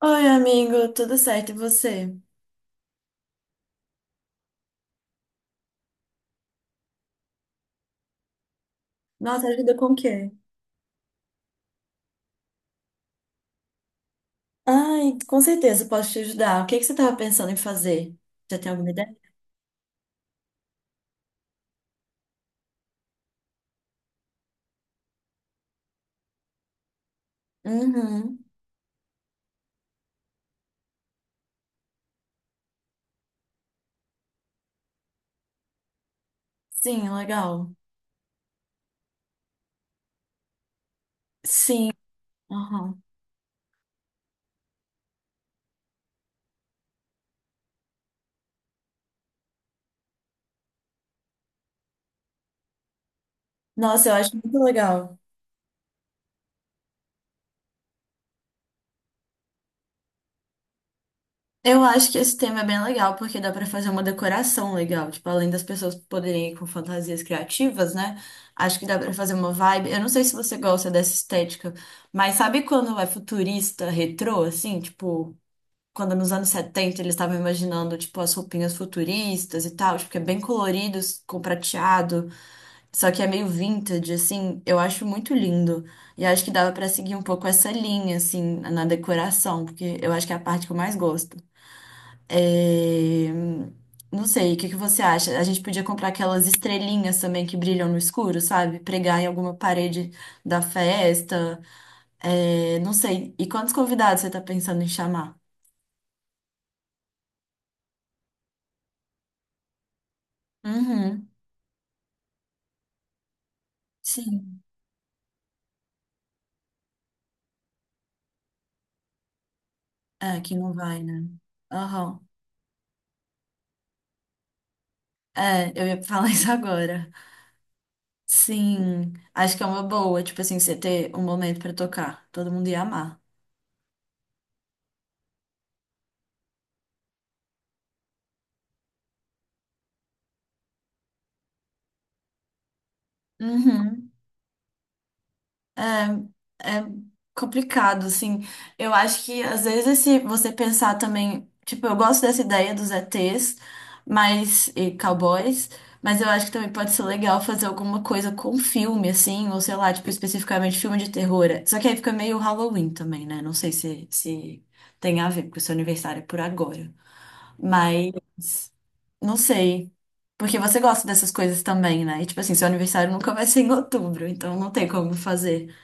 Oi, amigo, tudo certo? E você? Nossa, ajuda com o quê? Ai, com certeza posso te ajudar. O que que você estava pensando em fazer? Já tem alguma ideia? Uhum. Sim, legal. Sim. Uhum. Nossa, eu acho muito legal. Eu acho que esse tema é bem legal, porque dá para fazer uma decoração legal. Tipo, além das pessoas poderem ir com fantasias criativas, né? Acho que dá para fazer uma vibe. Eu não sei se você gosta dessa estética, mas sabe quando é futurista, retrô, assim? Tipo, quando nos anos 70 eles estavam imaginando, tipo, as roupinhas futuristas e tal, tipo, que é bem colorido, com prateado, só que é meio vintage, assim, eu acho muito lindo. E acho que dava pra seguir um pouco essa linha, assim, na decoração, porque eu acho que é a parte que eu mais gosto. É, Não sei, o que que você acha? A gente podia comprar aquelas estrelinhas também que brilham no escuro, sabe? Pregar em alguma parede da festa. Não sei. E quantos convidados você tá pensando em chamar? Uhum. Sim. É, que não vai, né? Aham. É, eu ia falar isso agora. Sim, acho que é uma boa, tipo assim, você ter um momento pra tocar. Todo mundo ia amar. Uhum. É complicado, assim. Eu acho que às vezes se você pensar também, tipo, eu gosto dessa ideia dos ETs, mas e cowboys, mas eu acho que também pode ser legal fazer alguma coisa com filme, assim, ou sei lá, tipo, especificamente filme de terror. Só que aí fica meio Halloween também, né? Não sei se, se tem a ver, porque o seu aniversário é por agora. Mas não sei. Porque você gosta dessas coisas também, né? E tipo assim, seu aniversário nunca vai ser em outubro, então não tem como fazer.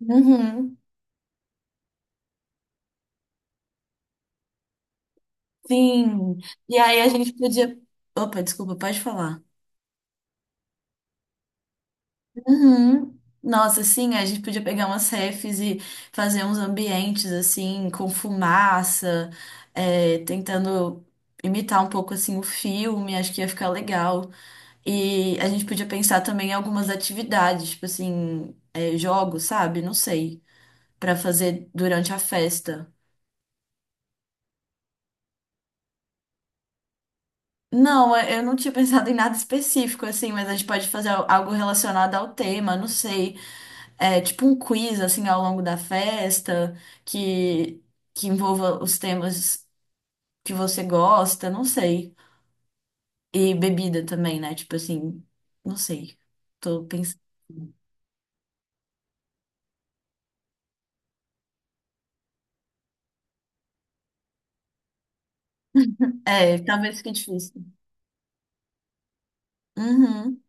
Uhum. Sim. E aí a gente podia. Opa, desculpa, pode falar. Uhum. Nossa, sim, a gente podia pegar umas refs e fazer uns ambientes assim, com fumaça, tentando imitar um pouco assim o filme, acho que ia ficar legal. E a gente podia pensar também em algumas atividades, tipo assim, é, jogos, sabe? Não sei, pra fazer durante a festa. Não, eu não tinha pensado em nada específico, assim, mas a gente pode fazer algo relacionado ao tema, não sei. É, tipo um quiz assim ao longo da festa que que envolva os temas que você gosta, não sei. E bebida também, né? Tipo assim, não sei. Tô pensando. É, talvez fique difícil. Uhum.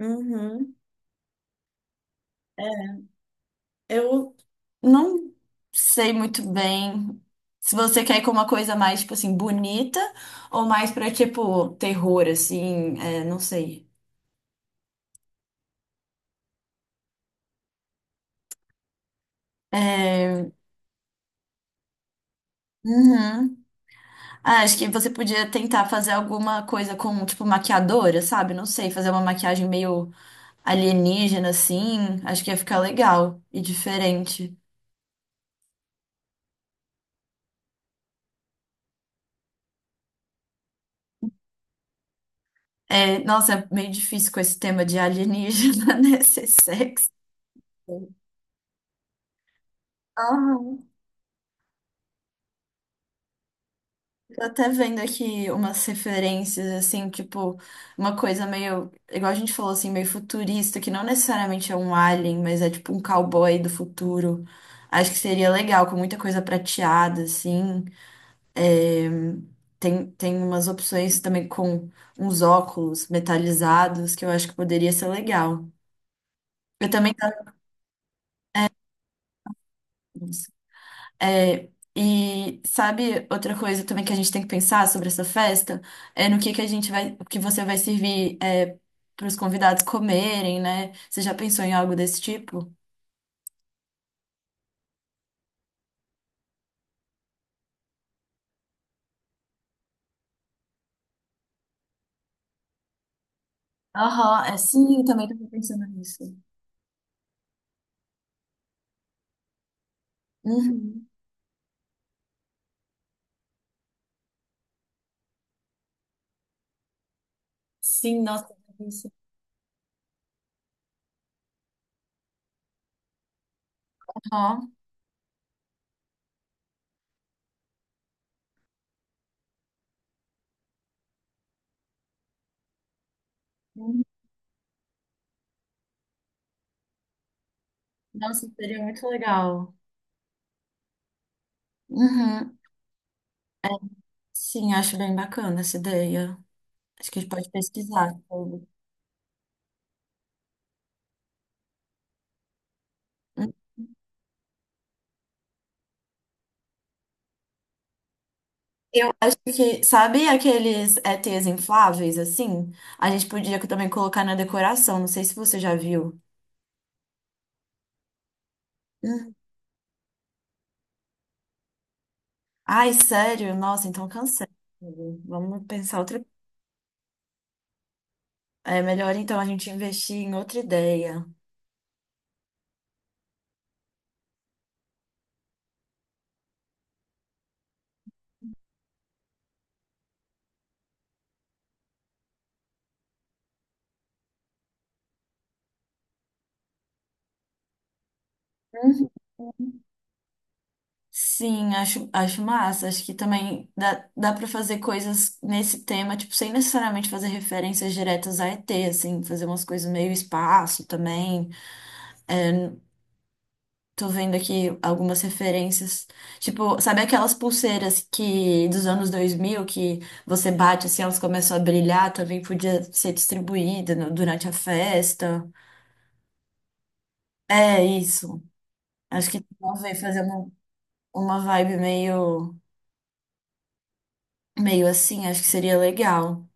Uhum. É, eu Não sei muito bem se você quer ir com uma coisa mais, tipo assim, bonita ou mais pra, tipo, terror, assim, é, não sei. É, uhum. Ah, acho que você podia tentar fazer alguma coisa com, tipo, maquiadora, sabe? Não sei, fazer uma maquiagem meio alienígena, assim. Acho que ia ficar legal e diferente. É, nossa, é meio difícil com esse tema de alienígena, né? Ser sexy. Aham. Tô até vendo aqui umas referências, assim, tipo, uma coisa meio, igual a gente falou, assim, meio futurista, que não necessariamente é um alien, mas é tipo um cowboy do futuro. Acho que seria legal, com muita coisa prateada, assim. É, tem umas opções também com uns óculos metalizados que eu acho que poderia ser legal. Eu também tava nisso. É, e sabe outra coisa também que a gente tem que pensar sobre essa festa é no que a gente vai, o que você vai servir para os convidados comerem, né? Você já pensou em algo desse tipo? Aham, é, sim, eu também estava pensando nisso. Uhum. Sim, nossa, eu pensei. Aham. Uhum. Nossa, seria muito legal. Uhum. Sim, acho bem bacana essa ideia. Acho que a gente pode pesquisar sobre. Eu acho que, sabe aqueles ETs infláveis, assim? A gente podia também colocar na decoração. Não sei se você já viu. Hum. Ai, sério? Nossa, então cancela. Vamos pensar outra. É melhor então a gente investir em outra ideia. Uhum. Sim, acho massa. Acho que também dá para fazer coisas nesse tema, tipo, sem necessariamente fazer referências diretas a ET, assim, fazer umas coisas meio espaço também. Tô vendo aqui algumas referências. Tipo, sabe aquelas pulseiras que dos anos 2000 que você bate assim, elas começam a brilhar, também podia ser distribuída durante a festa. É isso. Acho que talvez fazer uma vibe meio, meio assim, acho que seria legal.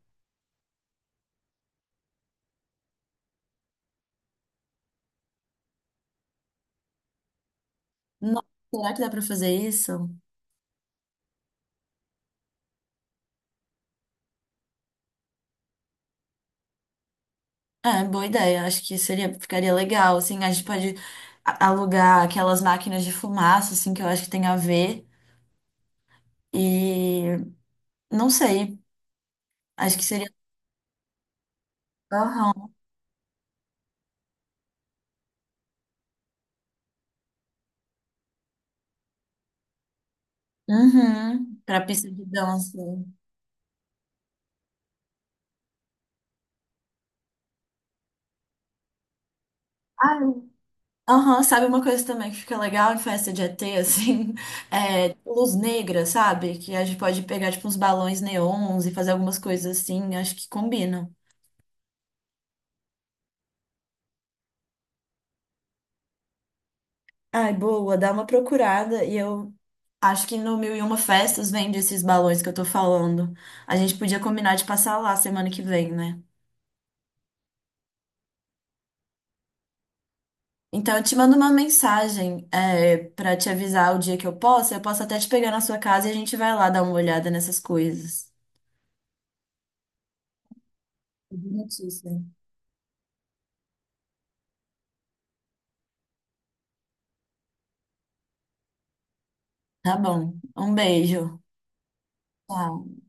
Nossa, será que dá pra fazer isso? É, boa ideia. Acho que seria, ficaria legal, assim. A gente pode alugar aquelas máquinas de fumaça, assim, que eu acho que tem a ver. E não sei. Acho que seria. Aham. Uhum. Pra pista de dança. Ah, eu- Aham, sabe uma coisa também que fica legal em festa de ET, assim? É, luz negra, sabe? Que a gente pode pegar, tipo, uns balões neons e fazer algumas coisas assim. Acho que combinam. Ai, boa, dá uma procurada e eu acho que no Mil e Uma Festas vende esses balões que eu tô falando. A gente podia combinar de passar lá semana que vem, né? Então eu te mando uma mensagem, é, para te avisar o dia que eu posso. Eu posso até te pegar na sua casa e a gente vai lá dar uma olhada nessas coisas. Boa notícia. Tá bom. Um beijo. Tchau.